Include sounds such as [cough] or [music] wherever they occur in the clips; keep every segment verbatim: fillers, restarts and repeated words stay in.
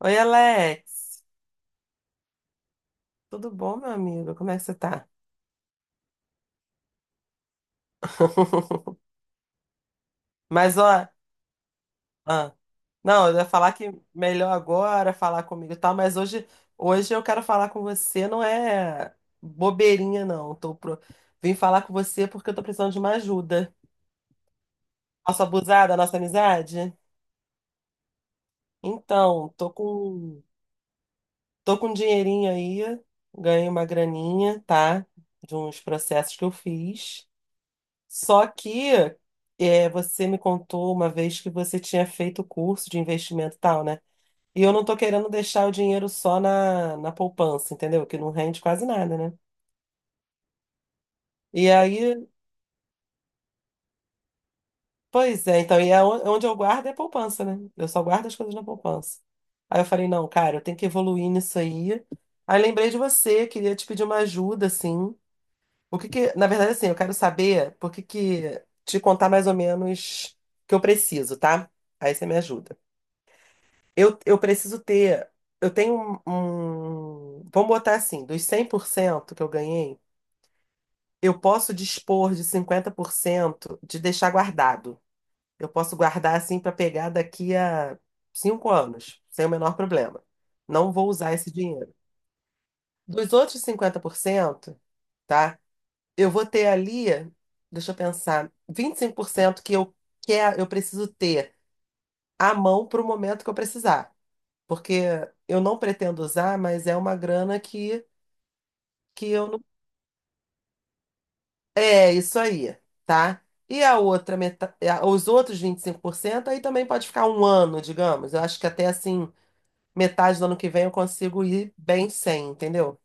Oi, Alex. Tudo bom, meu amigo? Como é que você tá? [laughs] Mas, ó, ah, não, eu ia falar que melhor agora falar comigo e tal, mas hoje, hoje eu quero falar com você, não é bobeirinha, não. Tô pro... Vim falar com você porque eu tô precisando de uma ajuda. Posso abusar da nossa amizade? Então, tô com, tô com um dinheirinho aí, ganhei uma graninha, tá? De uns processos que eu fiz. Só que é, você me contou uma vez que você tinha feito curso de investimento e tal, né? E eu não tô querendo deixar o dinheiro só na, na poupança, entendeu? Que não rende quase nada, né? E aí, pois é, então, e é on- onde eu guardo é a poupança, né? Eu só guardo as coisas na poupança. Aí eu falei, não, cara, eu tenho que evoluir nisso aí. Aí lembrei de você, queria te pedir uma ajuda, assim. O que que, na verdade, assim, eu quero saber por que que te contar mais ou menos o que eu preciso, tá? Aí você me ajuda. Eu, eu preciso ter. Eu tenho um, um. Vamos botar assim: dos cem por cento que eu ganhei, eu posso dispor de cinquenta por cento de deixar guardado. Eu posso guardar assim para pegar daqui a cinco anos, sem o menor problema. Não vou usar esse dinheiro. Dos outros cinquenta por cento, tá? Eu vou ter ali, deixa eu pensar, vinte e cinco por cento que eu, que é- eu preciso ter à mão para o momento que eu precisar. Porque eu não pretendo usar, mas é uma grana que, que eu não. É isso aí, tá? E a outra metade, os outros vinte e cinco por cento aí também pode ficar um ano, digamos. Eu acho que até assim, metade do ano que vem eu consigo ir bem sem, entendeu?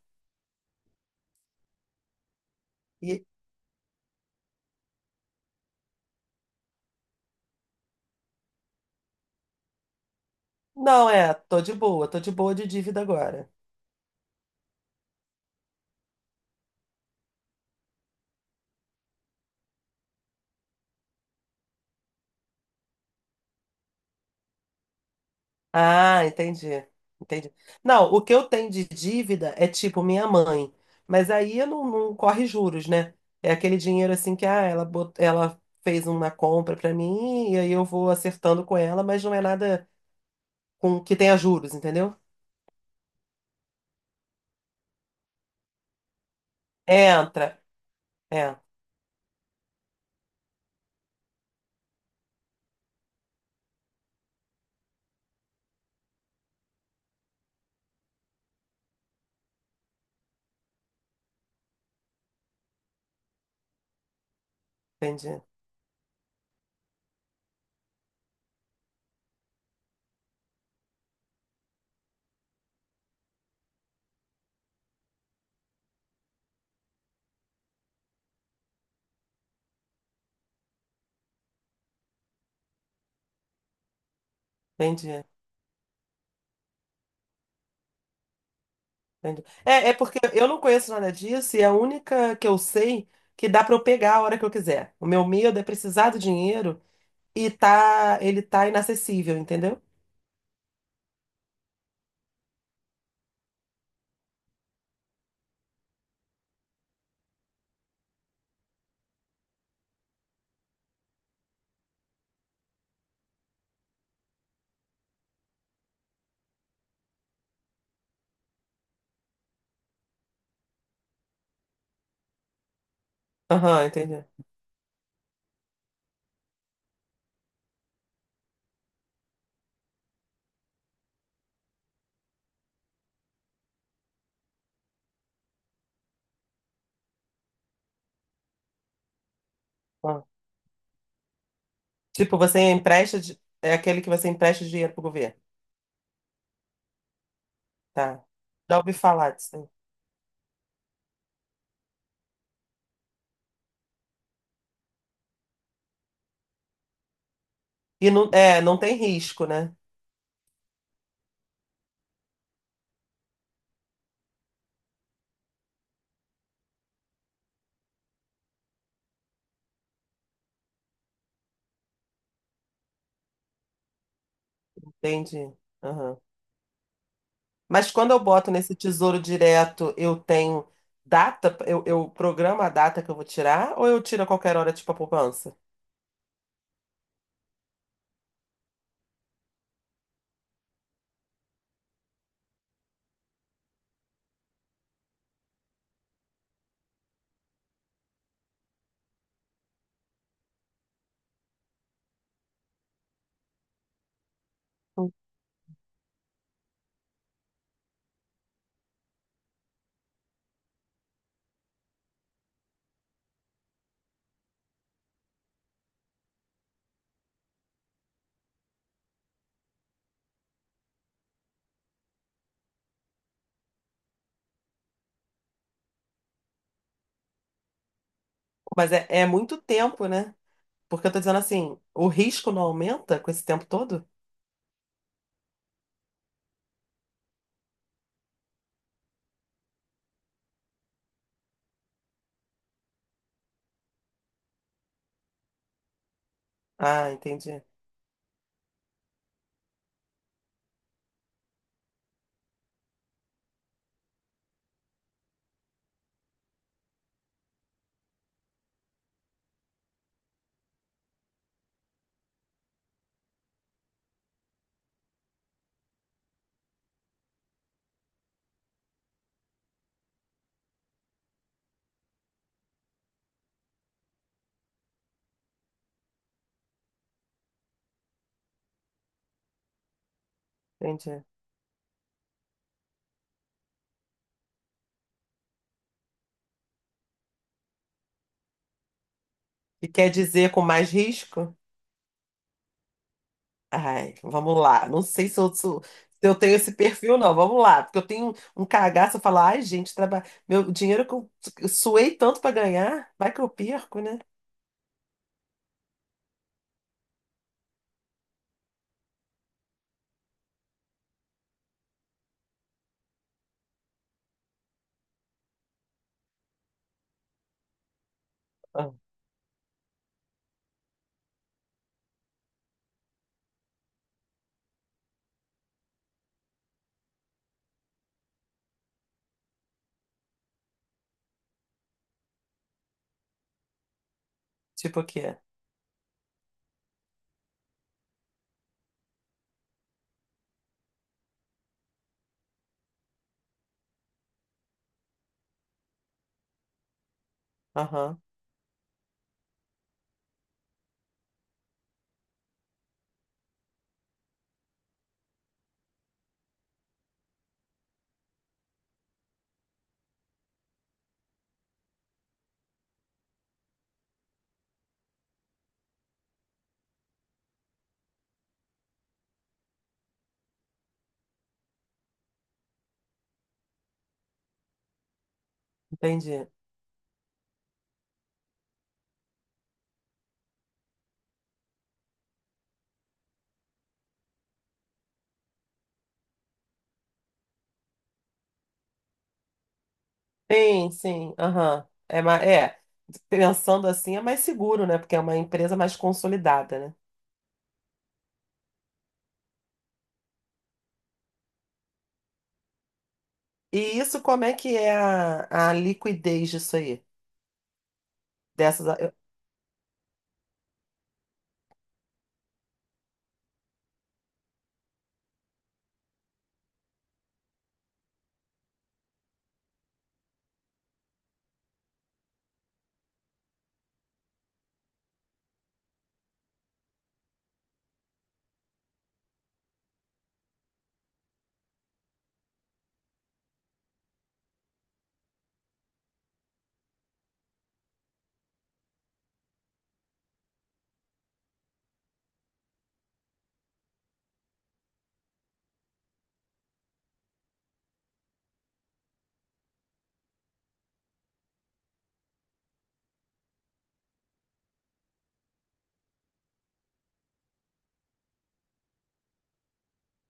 E não, é, tô de boa, tô de boa de dívida agora. Ah, entendi. Entendi. Não, o que eu tenho de dívida é tipo minha mãe, mas aí não, não corre juros, né? É aquele dinheiro assim que ah, ela, bot... ela fez uma compra pra mim e aí eu vou acertando com ela, mas não é nada com que tenha juros, entendeu? Entra. É, entendi. Entendi. Entendi. É, é porque eu não conheço nada disso e é a única que eu sei que dá pra eu pegar a hora que eu quiser. O meu medo é precisar do dinheiro e tá, ele tá inacessível, entendeu? Aham, entendi. Ah. Tipo, você empresta, de- é aquele que você empresta dinheiro pro governo, tá? Já ouvi falar disso. Aí. E não, é, não tem risco, né? Entendi. Aham. Mas quando eu boto nesse tesouro direto, eu tenho data, eu, eu programo a data que eu vou tirar, ou eu tiro a qualquer hora, tipo a poupança? Hum. Mas é, é muito tempo, né? Porque eu tô dizendo assim, o risco não aumenta com esse tempo todo? Ah, entendi, entendi. E quer dizer com mais risco? Ai, vamos lá. Não sei se eu, sou- se eu tenho esse perfil, não. Vamos lá. Porque eu tenho um cagaço, eu falo, ai, gente, traba... meu dinheiro que eu suei tanto pra ganhar, vai que eu perco, né? Ah, tipo o quê? Aham. Entendi. Sim, sim, aham. É, ma- é, pensando assim é mais seguro, né? Porque é uma empresa mais consolidada, né? E isso, como é que é a, a liquidez disso aí? Dessas, eu-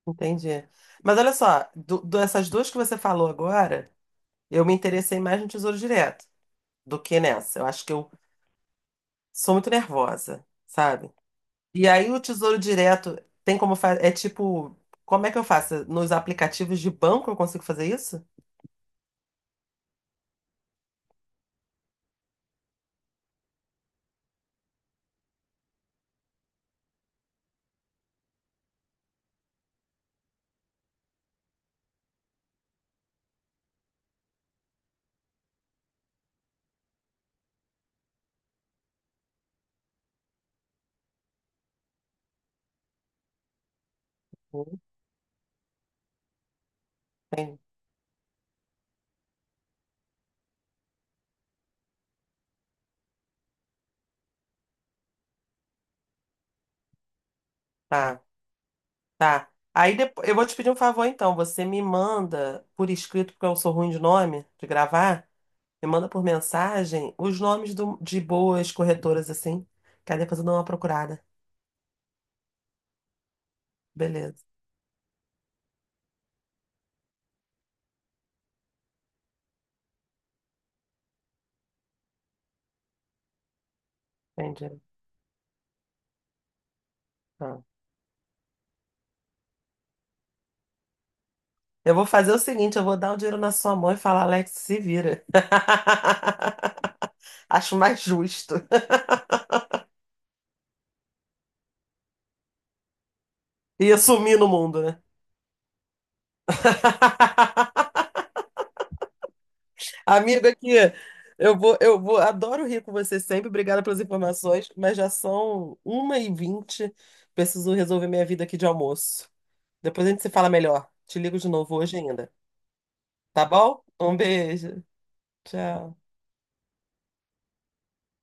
entendi. Mas olha só, do, dessas duas que você falou agora, eu me interessei mais no Tesouro Direto do que nessa. Eu acho que eu sou muito nervosa, sabe? E aí o Tesouro Direto tem como fazer, é tipo, como é que eu faço? Nos aplicativos de banco eu consigo fazer isso? Hum, tem. Tá. Tá. Aí depois, eu vou te pedir um favor então. Você me manda por escrito, porque eu sou ruim de nome, de gravar. Me manda por mensagem os nomes do- de boas corretoras assim. Que aí depois eu dou uma procurada. Beleza, entendi. Tá. Eu vou fazer o seguinte: eu vou dar o dinheiro na sua mão e falar, Alex, se vira. [laughs] Acho mais justo. E sumir no mundo, né? [laughs] Amiga, aqui, eu vou, eu vou, adoro rir com você sempre. Obrigada pelas informações, mas já são uma e vinte. Preciso resolver minha vida aqui de almoço. Depois a gente se fala melhor. Te ligo de novo hoje ainda. Tá bom? Um beijo. Tchau.